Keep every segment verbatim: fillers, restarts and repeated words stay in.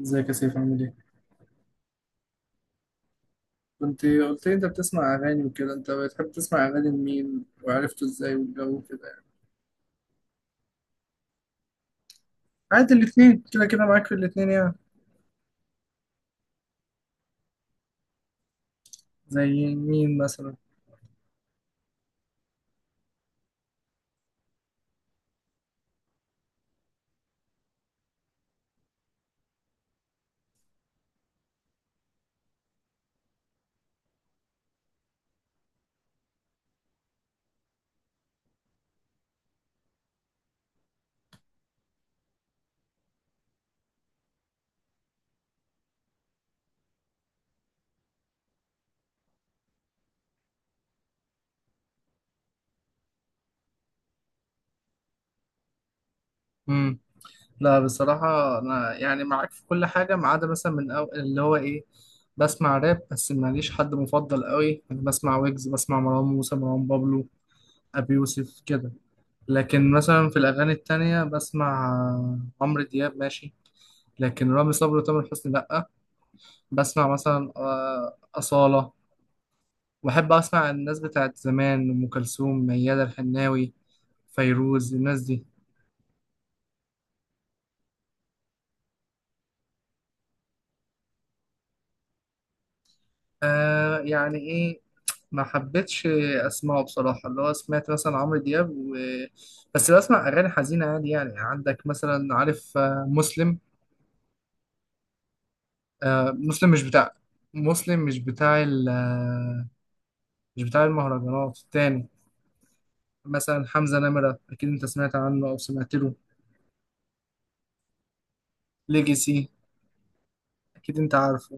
ازيك يا سيف، عامل ايه؟ كنت قلت لي انت بتسمع اغاني وكده، انت بتحب تسمع اغاني لمين وعرفته ازاي والجو وكده يعني. عادي، الاتنين كده كده، معاك في الاتنين يعني. زي مين مثلا؟ امم لا، بصراحة انا يعني معاك في كل حاجة، ما عدا مثلا من أو... اللي هو ايه. بسمع راب بس ماليش حد مفضل قوي، يعني بسمع ويجز، بسمع مروان موسى، مروان بابلو، ابي يوسف كده. لكن مثلا في الأغاني التانية، بسمع عمرو دياب ماشي. لكن رامي صبري وتامر حسني لأ. بسمع مثلا آه، أصالة. وأحب أسمع الناس بتاعت زمان، أم كلثوم، ميادة الحناوي، فيروز، الناس دي. آه، يعني إيه، ما حبيتش. أسمعه بصراحة اللي هو سمعت مثلا عمرو دياب و... بس بسمع أغاني حزينة عادي يعني، عندك مثلا، عارف آه، مسلم. آه، مسلم مش بتاع. مسلم مش بتاع ال آه، مش بتاع المهرجانات التاني. مثلا حمزة نمرة، أكيد أنت سمعت عنه أو سمعت له. ليجاسي، أكيد أنت عارف،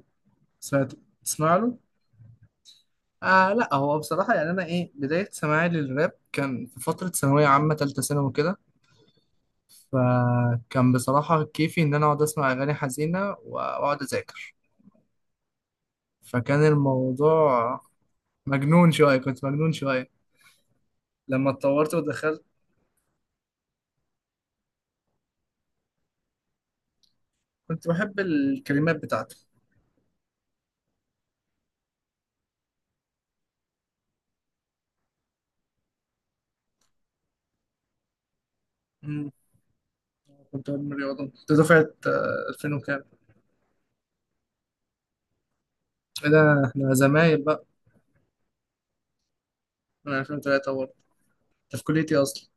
سمعت، تسمع له؟ آه لا، هو بصراحة يعني أنا إيه، بداية سماعي للراب كان في فترة ثانوية عامة، تالتة ثانوي كده. فكان بصراحة كيفي إن أنا أقعد أسمع أغاني حزينة وأقعد أذاكر. فكان الموضوع مجنون شوية، كنت مجنون شوية. لما اتطورت ودخلت. كنت بحب الكلمات بتاعته. مم. كنت علم رياضة، كنت دفعة آه، ألفين وكام. إيه ده، إحنا زمايل بقى. من ألفين وتلاتة برضه. أنت في كليتي أصلا.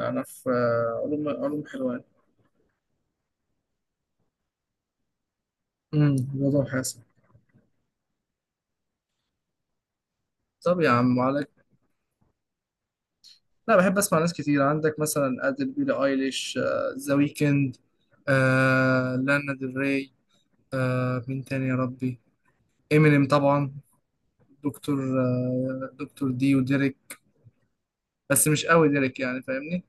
أنا في آه، علوم علوم حلوان. امم رياضة وحاسب. طب يا عم عليك. لا، بحب اسمع ناس كتير، عندك مثلا ادل، بيلي ايليش، آه، ذا ويكند. آه، لانا ديل ري. آه، مين تاني يا ربي. امينيم طبعا. دكتور آه، دكتور دي وديريك. بس مش قوي ديريك، يعني فاهمني.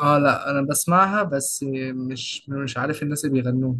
اه لا، انا بسمعها بس. مش مش عارف الناس اللي بيغنوها.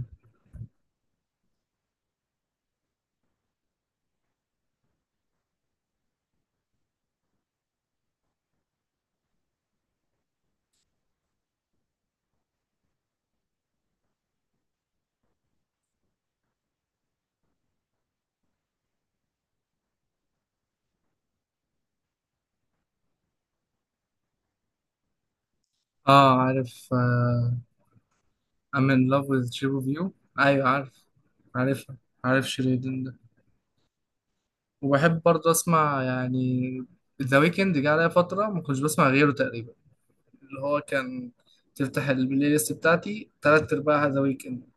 اه عارف، آه. I'm in love with you. ايوه عارف، عارفها. عارف شيرين. وبحب برضه اسمع يعني. ذا ويكند جه عليا فتره ما كنتش بسمع غيره تقريبا. اللي هو كان، تفتح البلاي ليست بتاعتي تلات ارباعها ذا ويكند.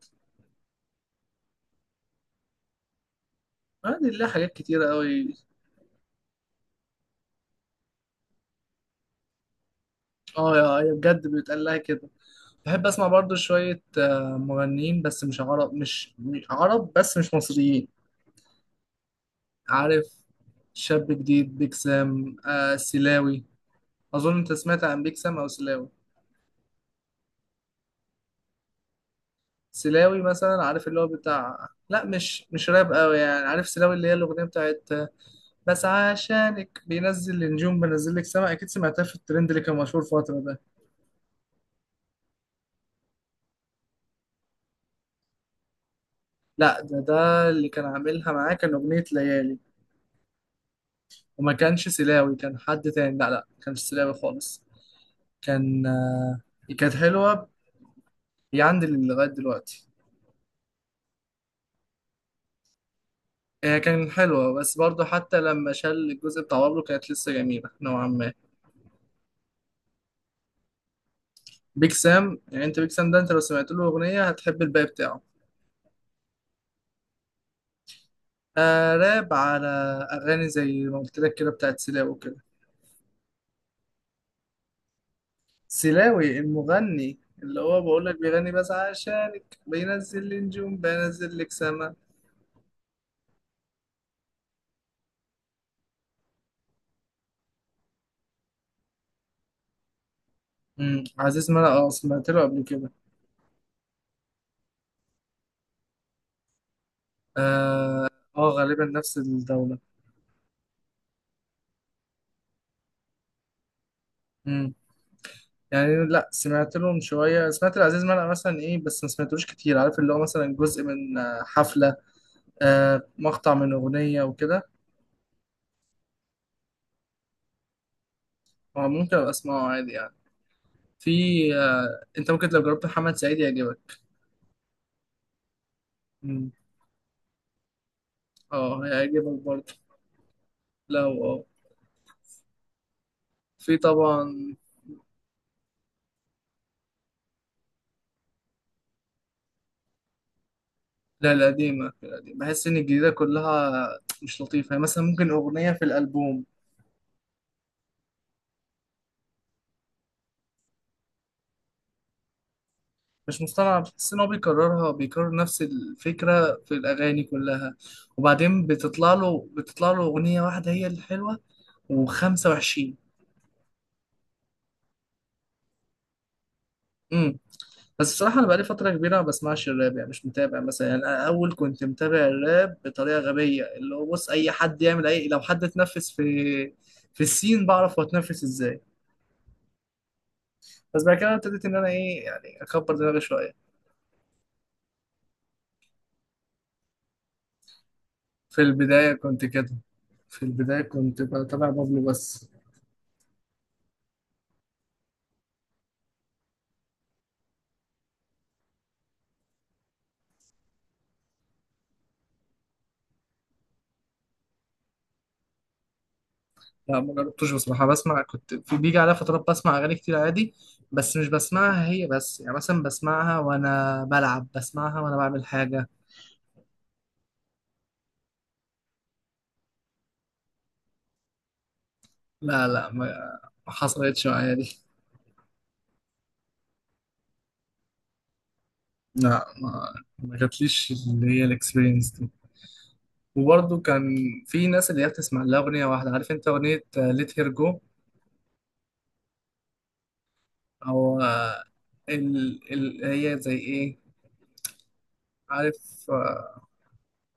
عندي لله حاجات كتيره قوي. اه، يا يا بجد بيتقال لها كده. بحب اسمع برضه شويه آه، مغنيين، بس مش عرب، مش مش عرب بس مش مصريين. عارف شاب جديد، بيك سام، آه سلاوي. اظن انت سمعت عن بيك سام او سلاوي. سلاوي مثلا، عارف اللي هو بتاع، لا مش مش راب قوي يعني، عارف سلاوي اللي هي الاغنيه بتاعت. بس عشانك بينزل النجوم بنزل لك سما، اكيد سمعتها في الترند اللي كان مشهور فتره ده. لا، ده ده اللي كان عاملها معاه كان اغنيه ليالي. وما كانش سلاوي، كان حد تاني، لا لا، ما كانش سلاوي خالص. كان كانت حلوه. هي عندي لغايه دلوقتي. هي كان حلوه، بس برضه حتى لما شال الجزء بتاع بابلو كانت لسه جميله نوعا ما. بيك سام، يعني انت بيك سام ده، انت لو سمعت له اغنيه هتحب الباقي بتاعه. آه، راب على اغاني زي ما قلت لك كده بتاعت سلاوي كده. سلاوي المغني، اللي هو بقول لك بيغني بس عشانك بينزل لي نجوم بينزل لك سما. امم عزيز مرقة، اه، سمعت له قبل كده. اه، آه، غالبا نفس الدولة. امم يعني لا، سمعت لهم شوية، سمعت لعزيز مرقة مثلا ايه، بس ما سمعتلوش كتير، عارف اللي هو مثلا جزء من آه، حفلة. آه، مقطع من أغنية وكده. آه، ممكن أبقى أسمعه عادي يعني. في آه انت ممكن لو جربت محمد سعيد يعجبك. اه، هيعجبك برضه. لا، هو اه. في طبعا. لا، القديمة القديمة، بحس إن الجديدة كلها مش لطيفة يعني، مثلا ممكن أغنية في الألبوم. مش مصطنعة، بتحس إن هو بيكررها، بيكرر نفس الفكرة في الأغاني كلها. وبعدين بتطلع له بتطلع له أغنية واحدة هي الحلوة وخمسة وعشرين. امم بس بصراحة أنا بقالي فترة كبيرة ما بسمعش الراب، يعني مش متابع مثلا، يعني أنا أول كنت متابع الراب بطريقة غبية، اللي هو بص أي حد يعمل أي، لو حد اتنفس في في السين بعرف هو اتنفس إزاي. بس بعد كده ابتديت إن أنا إيه، يعني أكبر دماغي شوية. في البداية كنت كده. في البداية كنت بتابع بابلو بس. لا، ما جربتوش بصراحة، بسمع كنت في، بيجي عليا فترات بسمع أغاني كتير عادي. بس مش بسمعها هي بس، يعني مثلا بسمعها وأنا بلعب، بسمعها وأنا بعمل حاجة. لا لا، ما ما حصلتش معايا دي. لا، ما, ما جاتليش اللي هي الاكسبيرينس دي. وبرضه كان في ناس اللي هي بتسمع لها أغنية واحدة، عارف أنت أغنية ليت هير جو. أو آه، ال... ال... هي زي إيه. عارف، آه،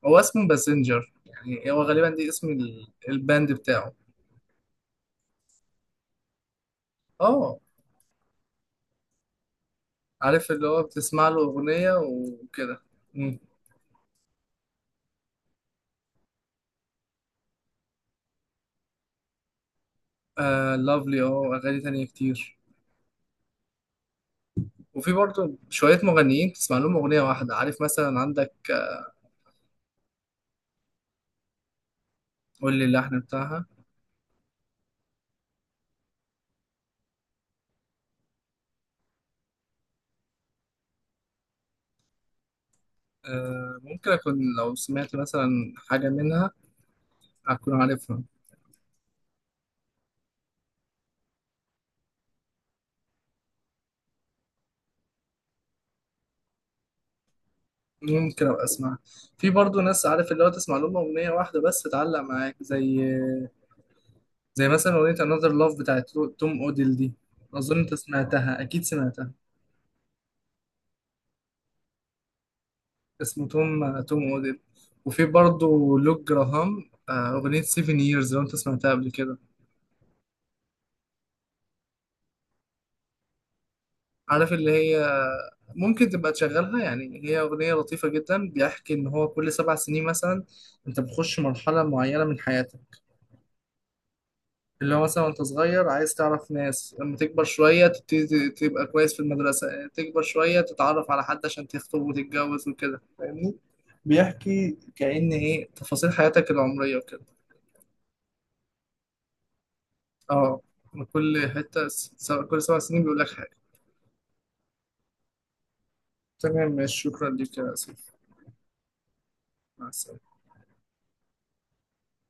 هو اسمه باسنجر، يعني هو غالبا دي اسم ال... الباند بتاعه. اه، عارف اللي هو بتسمع له أغنية وكده. مم. آه، لافلي، اه، أغاني تانية كتير. وفي برضه شوية مغنيين بتسمع لهم أغنية واحدة، عارف مثلا عندك آه، قول لي اللحن بتاعها. آه، ممكن أكون لو سمعت مثلا حاجة منها، أكون عارفها. ممكن أبقى أسمعها. في برضو ناس عارف، اللي هو تسمع لهم أغنية واحدة بس تتعلق معاك، زي زي مثلا أغنية Another Love بتاعت توم أوديل دي. أظن أنت سمعتها، أكيد سمعتها. اسمه توم توم أوديل. وفي برضو لوك جراهام، آه، أغنية سيفن Years لو أنت سمعتها قبل كده. عارف اللي هي، ممكن تبقى تشغلها يعني، هي أغنية لطيفة جدا، بيحكي إن هو كل سبع سنين مثلا أنت بتخش مرحلة معينة من حياتك. اللي هو مثلا وانت صغير عايز تعرف ناس، لما تكبر شوية تبتدي ت- تبقى كويس في المدرسة، تكبر شوية تتعرف على حد عشان تخطب وتتجوز وكده، فاهمني. بيحكي كأن ايه تفاصيل حياتك العمرية وكده. اه، من كل حتة س- سواء- كل سبع سنين بيقول لك حاجة. تمام، ماشي، شكرا ليك يا سيف. مع السلامة.